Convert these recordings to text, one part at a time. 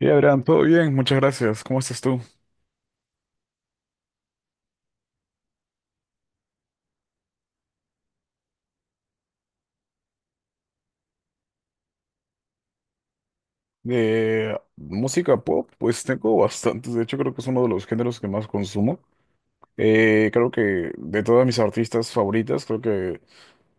Hey Adrián, todo bien, muchas gracias. ¿Cómo estás tú? De música pop, pues tengo bastantes. De hecho, creo que es uno de los géneros que más consumo. Creo que de todas mis artistas favoritas, creo que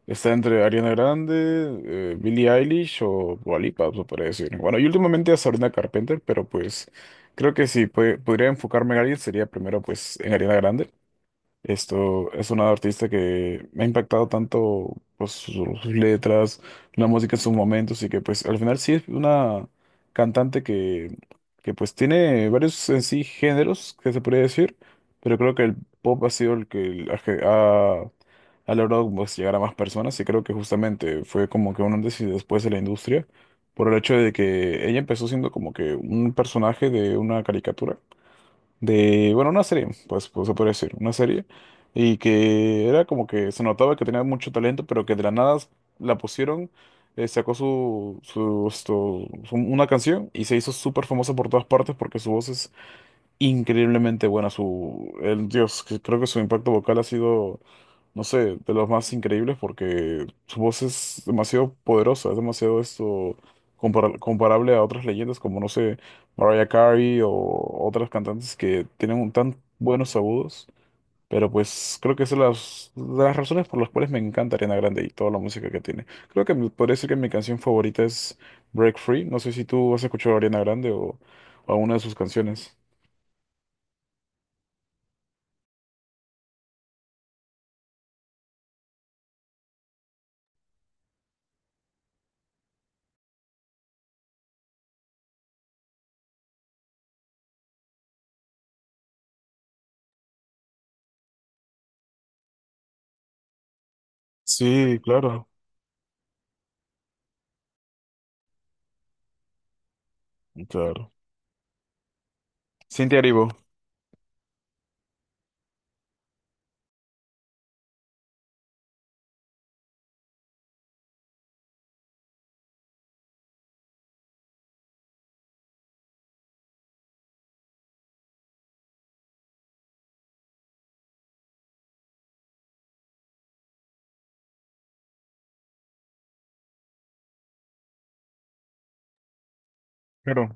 está entre Ariana Grande, Billie Eilish o Dua Lipa, se podría decir. Bueno, y últimamente a Sabrina Carpenter, pero pues creo que si podría enfocarme en alguien sería primero pues en Ariana Grande. Esto es una artista que me ha impactado tanto pues, sus, letras, la música en sus momentos y que pues al final sí es una cantante que pues tiene varios en sí géneros que se podría decir, pero creo que el pop ha sido el que ha, ha- ha logrado pues, llegar a más personas y creo que justamente fue como que un antes y después de la industria por el hecho de que ella empezó siendo como que un personaje de una caricatura de, bueno, una serie, pues, pues se podría decir, una serie, y que era como que se notaba que tenía mucho talento, pero que de la nada la pusieron, sacó una canción y se hizo súper famosa por todas partes porque su voz es increíblemente buena su el Dios, que creo que su impacto vocal ha sido, no sé, de los más increíbles porque su voz es demasiado poderosa, es demasiado esto comparable a otras leyendas como no sé, Mariah Carey o otras cantantes que tienen un tan buenos agudos, pero pues creo que es de las razones por las cuales me encanta Ariana Grande y toda la música que tiene. Creo que podría decir que mi canción favorita es Break Free, no sé si tú has escuchado a Ariana Grande o alguna de sus canciones. Sí, claro, claro. Cintia Erivo. Claro.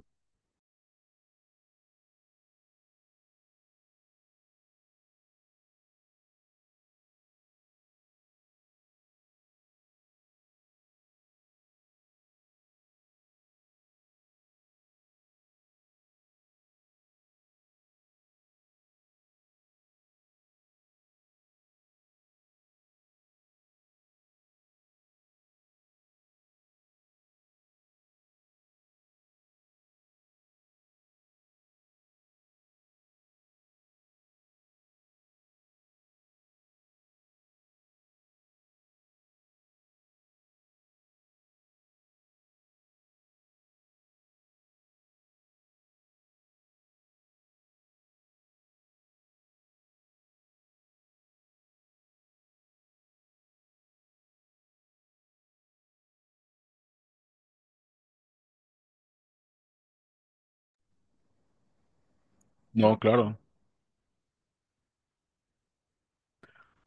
No, claro.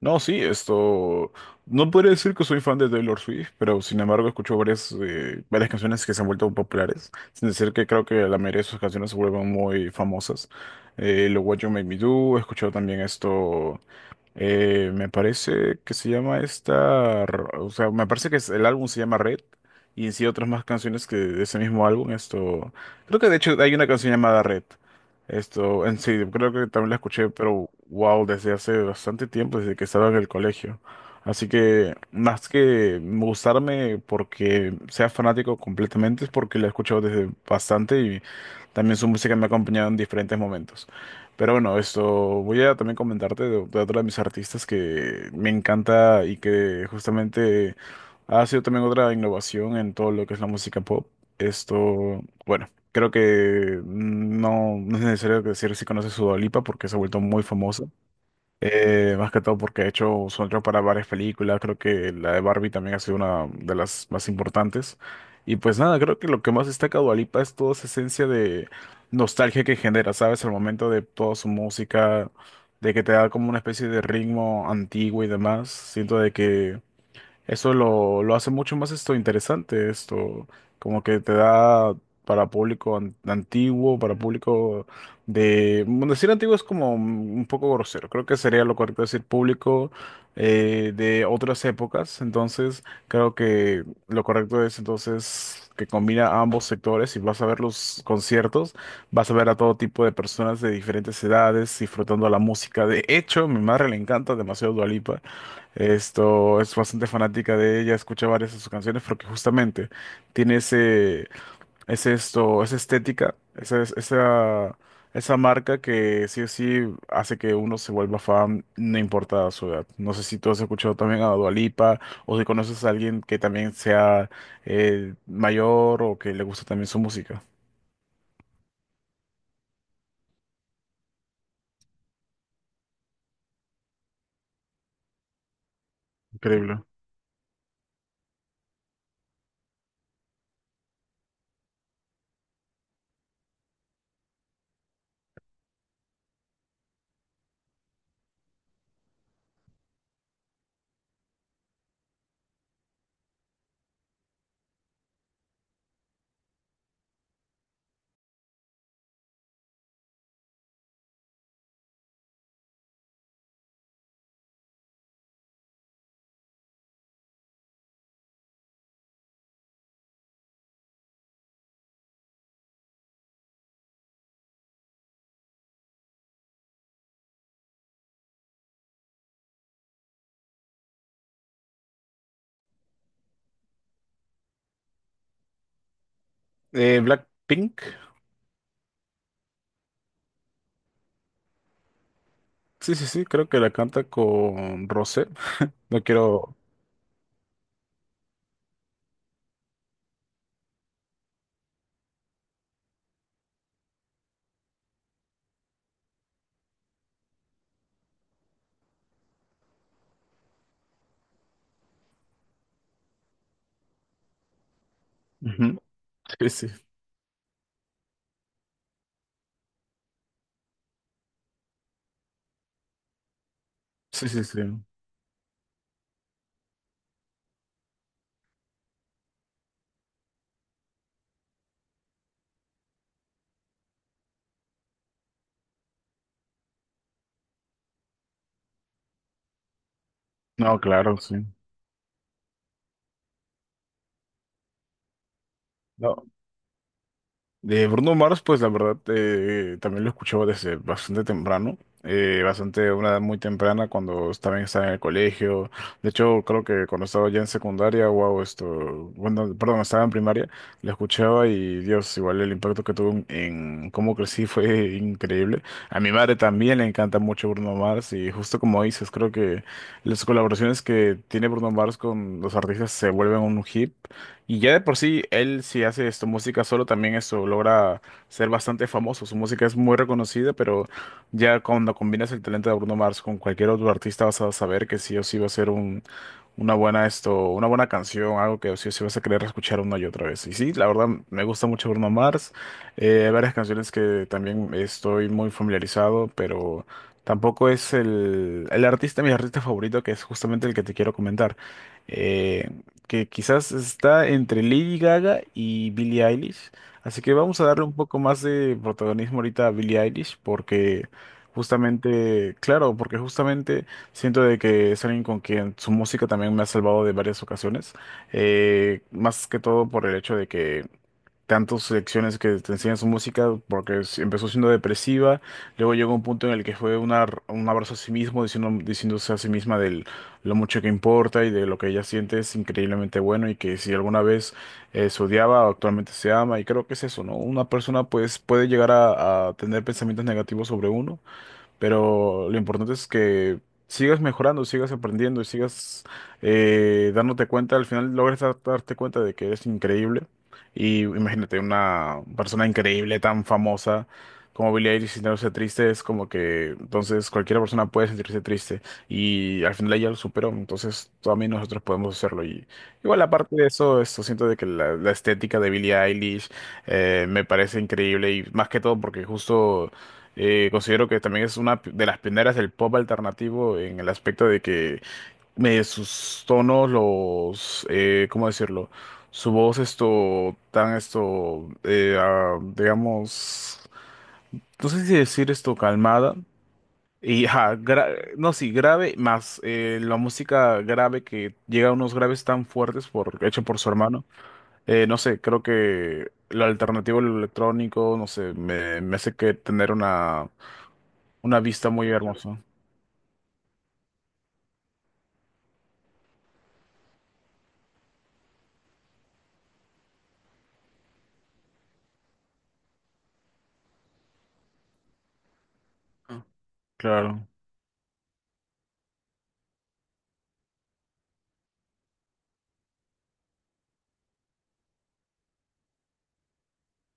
No, sí, esto... No podría decir que soy fan de Taylor Swift, pero sin embargo escucho varias, varias canciones que se han vuelto populares, sin decir que creo que la mayoría de sus canciones se vuelven muy famosas. Lo What You Make Me Do, he escuchado también esto... Me parece que se llama esta, o sea, me parece que el álbum se llama Red y en sí otras más canciones que de ese mismo álbum, esto, creo que de hecho hay una canción llamada Red, esto, en sí, creo que también la escuché, pero wow, desde hace bastante tiempo, desde que estaba en el colegio, así que más que gustarme porque sea fanático completamente es porque la he escuchado desde bastante y también su música me ha acompañado en diferentes momentos. Pero bueno, esto voy a también comentarte de otra de mis artistas que me encanta y que justamente ha sido también otra innovación en todo lo que es la música pop. Esto, bueno, creo que no, no es necesario decir si conoces su Dua Lipa porque se ha vuelto muy famosa. Más que todo porque he hecho soundtrack para varias películas, creo que la de Barbie también ha sido una de las más importantes. Y pues nada, creo que lo que más destaca Dua Lipa es toda esa esencia de nostalgia que genera, ¿sabes? Al momento de toda su música, de que te da como una especie de ritmo antiguo y demás. Siento de que eso lo hace mucho más esto interesante, esto como que te da para público antiguo, para público de... Bueno, decir antiguo es como un poco grosero, creo que sería lo correcto decir público de otras épocas, entonces creo que lo correcto es entonces que combina ambos sectores y vas a ver los conciertos, vas a ver a todo tipo de personas de diferentes edades disfrutando la música. De hecho, a mi madre le encanta demasiado Dua Lipa. Esto es bastante fanática de ella, escucha varias de sus canciones porque justamente tiene ese, esa estética, esa marca que sí o sí hace que uno se vuelva fan, no importa su edad. No sé si tú has escuchado también a Dua Lipa o si conoces a alguien que también sea mayor o que le guste también su música. Increíble. Blackpink, sí, sí, sí, creo que la canta con Rosé. No quiero. Ujú. Sí, sí, sí, sí, sí. No, claro, sí. No. De Bruno Mars, pues la verdad, también lo escuchaba desde bastante temprano, bastante, una edad muy temprana, cuando también estaba en el colegio. De hecho, creo que cuando estaba ya en secundaria, wow, esto, bueno, perdón, estaba en primaria, lo escuchaba y Dios, igual el impacto que tuvo en cómo crecí fue increíble. A mi madre también le encanta mucho Bruno Mars y justo como dices, creo que las colaboraciones que tiene Bruno Mars con los artistas se vuelven un hit. Y ya de por sí, él si hace esto, música solo, también eso logra ser bastante famoso. Su música es muy reconocida, pero ya cuando combinas el talento de Bruno Mars con cualquier otro artista vas a saber que sí o sí va a ser un, una buena esto, una buena canción, algo que sí o sí vas a querer escuchar una y otra vez. Y sí, la verdad me gusta mucho Bruno Mars. Hay varias canciones que también estoy muy familiarizado, pero tampoco es el artista, mi artista favorito, que es justamente el que te quiero comentar. Eh, que quizás está entre Lady Gaga y Billie Eilish. Así que vamos a darle un poco más de protagonismo ahorita a Billie Eilish porque justamente, claro, porque justamente siento de que es alguien con quien su música también me ha salvado de varias ocasiones. Más que todo por el hecho de que tantas secciones que te enseñan su música, porque empezó siendo depresiva, luego llegó un punto en el que fue una, un abrazo a sí mismo, diciendo, diciéndose a sí misma de lo mucho que importa y de lo que ella siente es increíblemente bueno y que si alguna vez se odiaba, actualmente se ama, y creo que es eso, ¿no? Una persona pues puede llegar a tener pensamientos negativos sobre uno, pero lo importante es que sigas mejorando, sigas aprendiendo y sigas dándote cuenta. Al final logres darte cuenta de que eres increíble. Y imagínate, una persona increíble, tan famosa como Billie Eilish sintiéndose triste, es como que entonces cualquier persona puede sentirse triste. Y al final ella lo superó, entonces también nosotros podemos hacerlo. Y igual, aparte de eso, esto siento de que la estética de Billie Eilish me parece increíble y más que todo porque justo. Considero que también es una de las pioneras del pop alternativo en el aspecto de que sus tonos, los, ¿cómo decirlo? Su voz, esto, tan, esto, digamos, no sé si decir esto calmada. Y, ajá, no, sí, grave, más la música grave que llega a unos graves tan fuertes por, hecho por su hermano. No sé, creo que lo alternativo, lo electrónico, no sé, me hace que tener una vista muy hermosa, claro.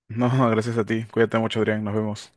No, gracias a ti. Cuídate mucho, Adrián. Nos vemos.